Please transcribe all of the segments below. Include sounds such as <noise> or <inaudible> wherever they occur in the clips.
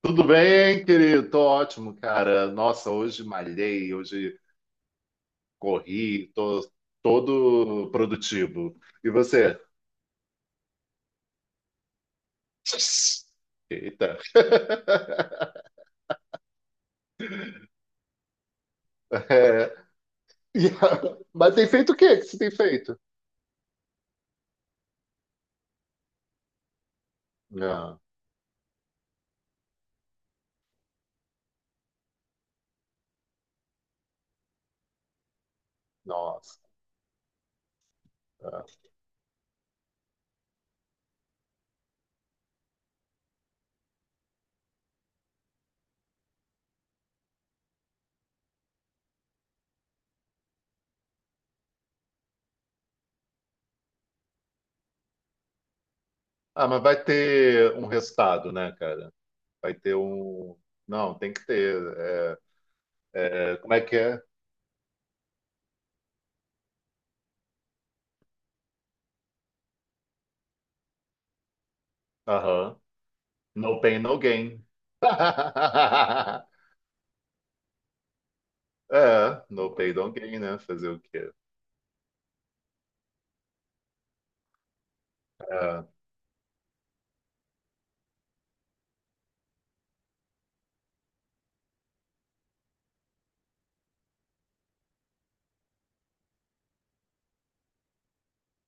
Tudo bem, querido? Tô ótimo, cara. Nossa, hoje malhei, hoje corri, tô todo produtivo. E você? Eita. <laughs> É, mas tem feito o que você tem feito? Ah, nossa. Ah, mas vai ter um resultado, né, cara? Vai ter um. Não, tem que ter. Como é que é? Aham. No pain, no gain. <laughs> É, no pay don't gain, né? Fazer o quê? É.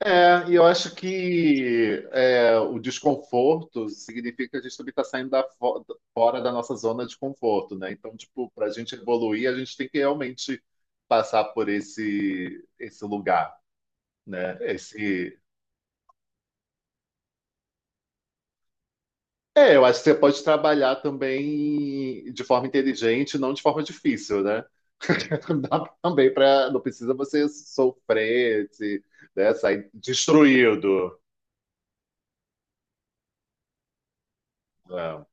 E eu acho que o desconforto significa que a gente também está saindo fora da nossa zona de conforto, né? Então, tipo, para a gente evoluir, a gente tem que realmente passar por esse lugar, né? Esse... É, eu acho que você pode trabalhar também de forma inteligente, não de forma difícil, né? <laughs> Dá também para, não precisa você sofrer, se, né, sair destruído. Não,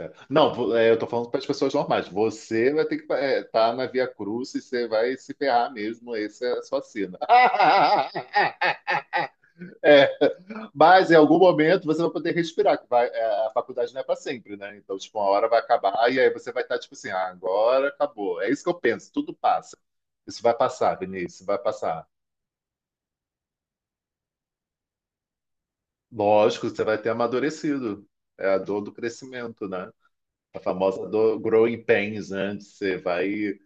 é. Não, vo- é, Eu tô falando para as pessoas normais. Você vai ter que estar na Via Cruz e você vai se ferrar mesmo. Essa é a sua sina. <laughs> É, mas em algum momento você vai poder respirar, a faculdade não é para sempre, né? Então, tipo, uma hora vai acabar e aí você vai estar tipo assim, ah, agora acabou. É isso que eu penso, tudo passa. Isso vai passar, Vinícius, vai passar. Lógico, você vai ter amadurecido. É a dor do crescimento, né? A famosa dor growing pains, né? Você vai...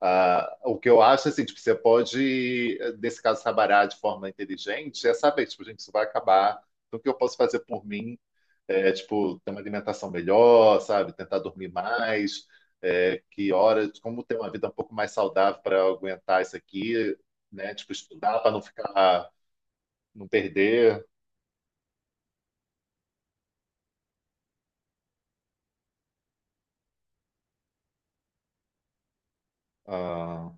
Ah, o que eu acho, assim, tipo, você pode, nesse caso, trabalhar de forma inteligente, é saber, tipo, gente, isso vai acabar, então o que eu posso fazer por mim é, tipo, ter uma alimentação melhor, sabe, tentar dormir mais, é, que horas, como ter uma vida um pouco mais saudável para aguentar isso aqui, né, tipo, estudar para não ficar, não perder ah,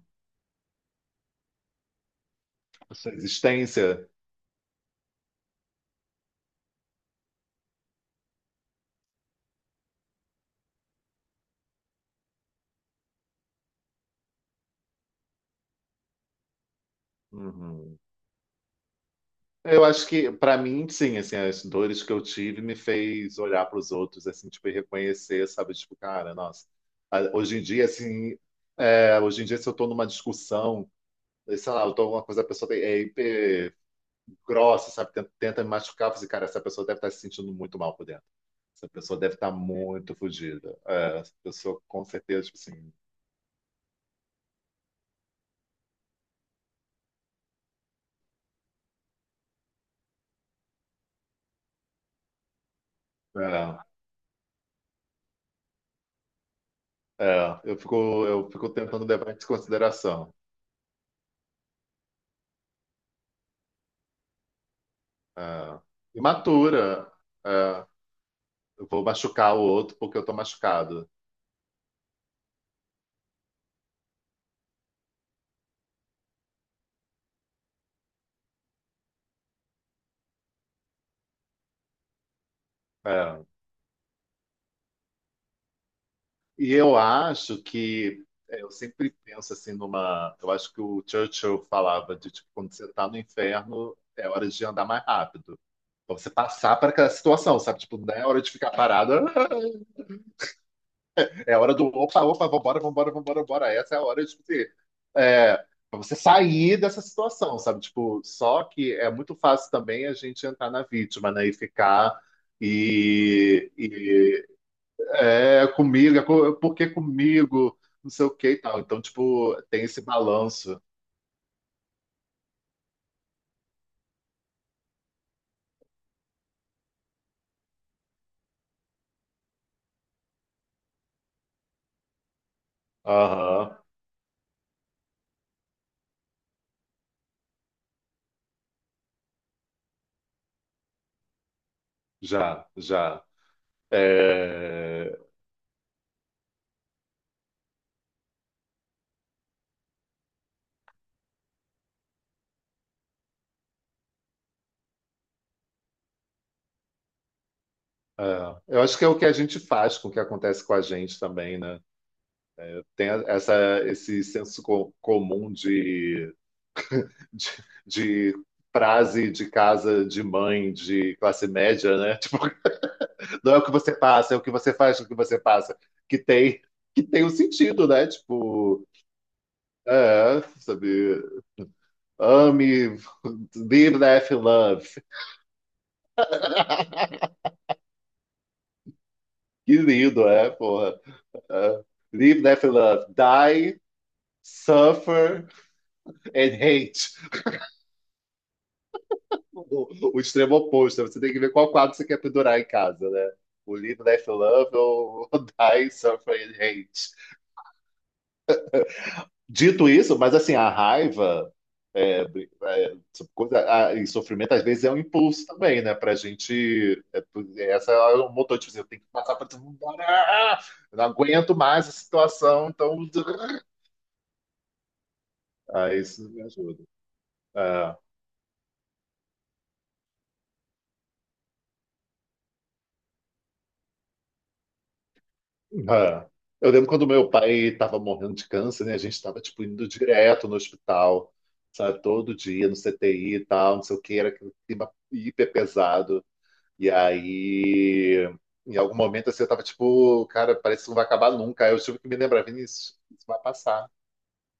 a sua existência. Uhum. Eu acho que, para mim, sim, assim, as dores que eu tive me fez olhar para os outros, assim, tipo, e reconhecer, sabe? Tipo, cara, nossa, hoje em dia, assim, é, hoje em dia, se eu estou numa discussão, sei lá, eu tô alguma coisa, é hiper grossa, sabe? Tenta me machucar, eu falei, cara, essa pessoa deve estar se sentindo muito mal por dentro. Essa pessoa deve estar muito fodida. É, essa pessoa, com certeza, tipo assim, é, é, eu fico tentando levar isso em consideração. É, imatura. É, eu vou machucar o outro porque eu estou machucado. É. E eu acho que eu sempre penso assim numa... Eu acho que o Churchill falava de tipo, quando você está no inferno, é hora de andar mais rápido. Pra você passar para aquela situação, sabe? Tipo, não é hora de ficar parada, <laughs> é hora do opa, opa, vambora, vambora, vambora, vambora. Essa é a hora de tipo, assim, é, pra você sair dessa situação, sabe? Tipo, só que é muito fácil também a gente entrar na vítima, né? E ficar e É, comigo, por que comigo? Não sei o que e tal. Então, tipo, tem esse balanço. Aham, já, já. É, é. Eu acho que é o que a gente faz com o que acontece com a gente também, né? Tem a- essa, esse comum de, de frase de casa de mãe, de classe média, né? <laughs> Tipo, não é o que você passa, é o que você faz com o que você passa. Que tem, que tem um sentido, né? Tipo, é, sabe? Ame, live, laugh, love. <laughs> Que lindo, é, porra. É. Live, laugh, love. Die, suffer and hate. O, o extremo oposto. Né? Você tem que ver qual quadro você quer pendurar em casa, né? O live, laugh, love ou <laughs> die, suffer and hate. Dito isso, mas assim, a raiva é, coisa, ah, e sofrimento às vezes é um impulso também, né? Pra gente. É, essa é um motor, de dizer eu tenho que passar pra todo mundo. Ah, eu não aguento mais a situação, então. <laughs> Ah, isso me ajuda. Ah, ah. Eu lembro quando meu pai estava morrendo de câncer, né? A gente estava tipo indo direto no hospital, sabe? Todo dia no CTI e tal, não sei o que, era aquele clima hiper pesado. E aí, em algum momento, assim, eu tava tipo, cara, parece que não vai acabar nunca. Aí eu tive que me lembrar, Vinícius, isso vai passar.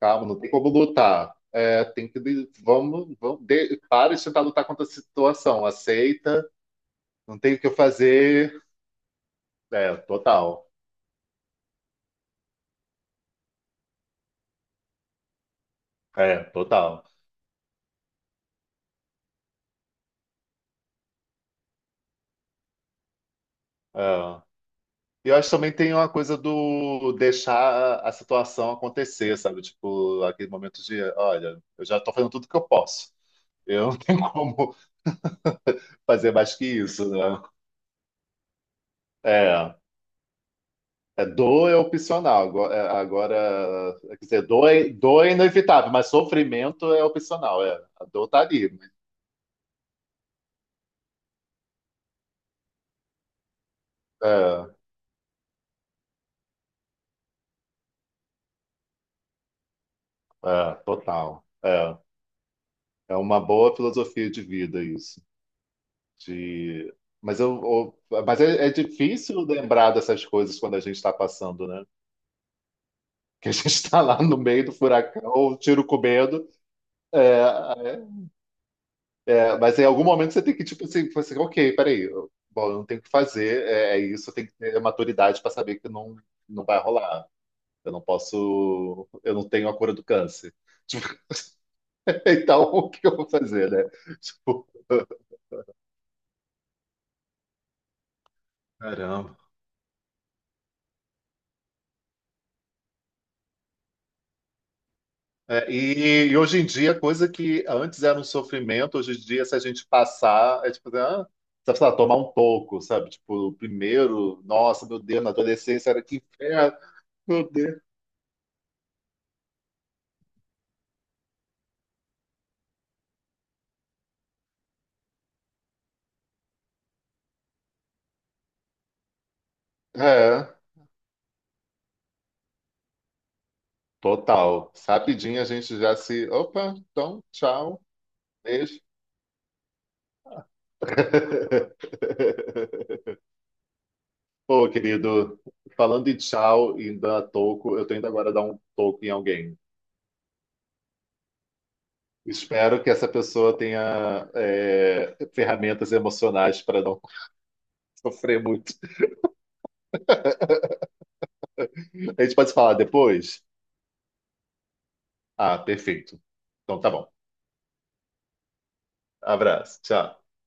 Calma, não tem como lutar. É, tem que. Para de tentar lutar contra a situação. Aceita, não tem o que eu fazer. É, total. É, total. É. E eu acho que também tem uma coisa do deixar a situação acontecer, sabe? Tipo, aquele momento de, olha, eu já tô fazendo tudo que eu posso. Eu não tenho <laughs> como fazer mais que isso, né? É, é dor é opcional. Agora, é, agora, quer dizer, dor é inevitável, mas sofrimento é opcional. É, a dor tá ali. Mas... é, é, total. É, é uma boa filosofia de vida isso. De, mas é, é difícil lembrar dessas coisas quando a gente está passando, né? Que a gente está lá no meio do furacão, o tiro com medo. É, mas em algum momento você tem que, tipo assim, falar assim, ok, peraí, eu, bom, eu não tenho o que fazer, é, é isso, eu tenho que ter maturidade para saber que não, não vai rolar. Eu não posso, eu não tenho a cura do câncer. Tipo, <laughs> então, o que eu vou fazer, né? <laughs> Tipo, caramba. É, e hoje em dia, coisa que antes era um sofrimento, hoje em dia, se a gente passar, é tipo, ah, sabe, sei lá, tomar um toco, sabe? Tipo, primeiro, nossa, meu Deus, na adolescência era que inferno, meu Deus. É. Total. Rapidinho a gente já se... Opa, então, tchau. Beijo. <laughs> Pô, querido, falando em tchau e dar toco, eu tô indo agora dar um toco em alguém. Espero que essa pessoa tenha é, ferramentas emocionais para não <laughs> sofrer muito. A gente pode se falar depois? Ah, perfeito. Então tá bom. Abraço. Tchau.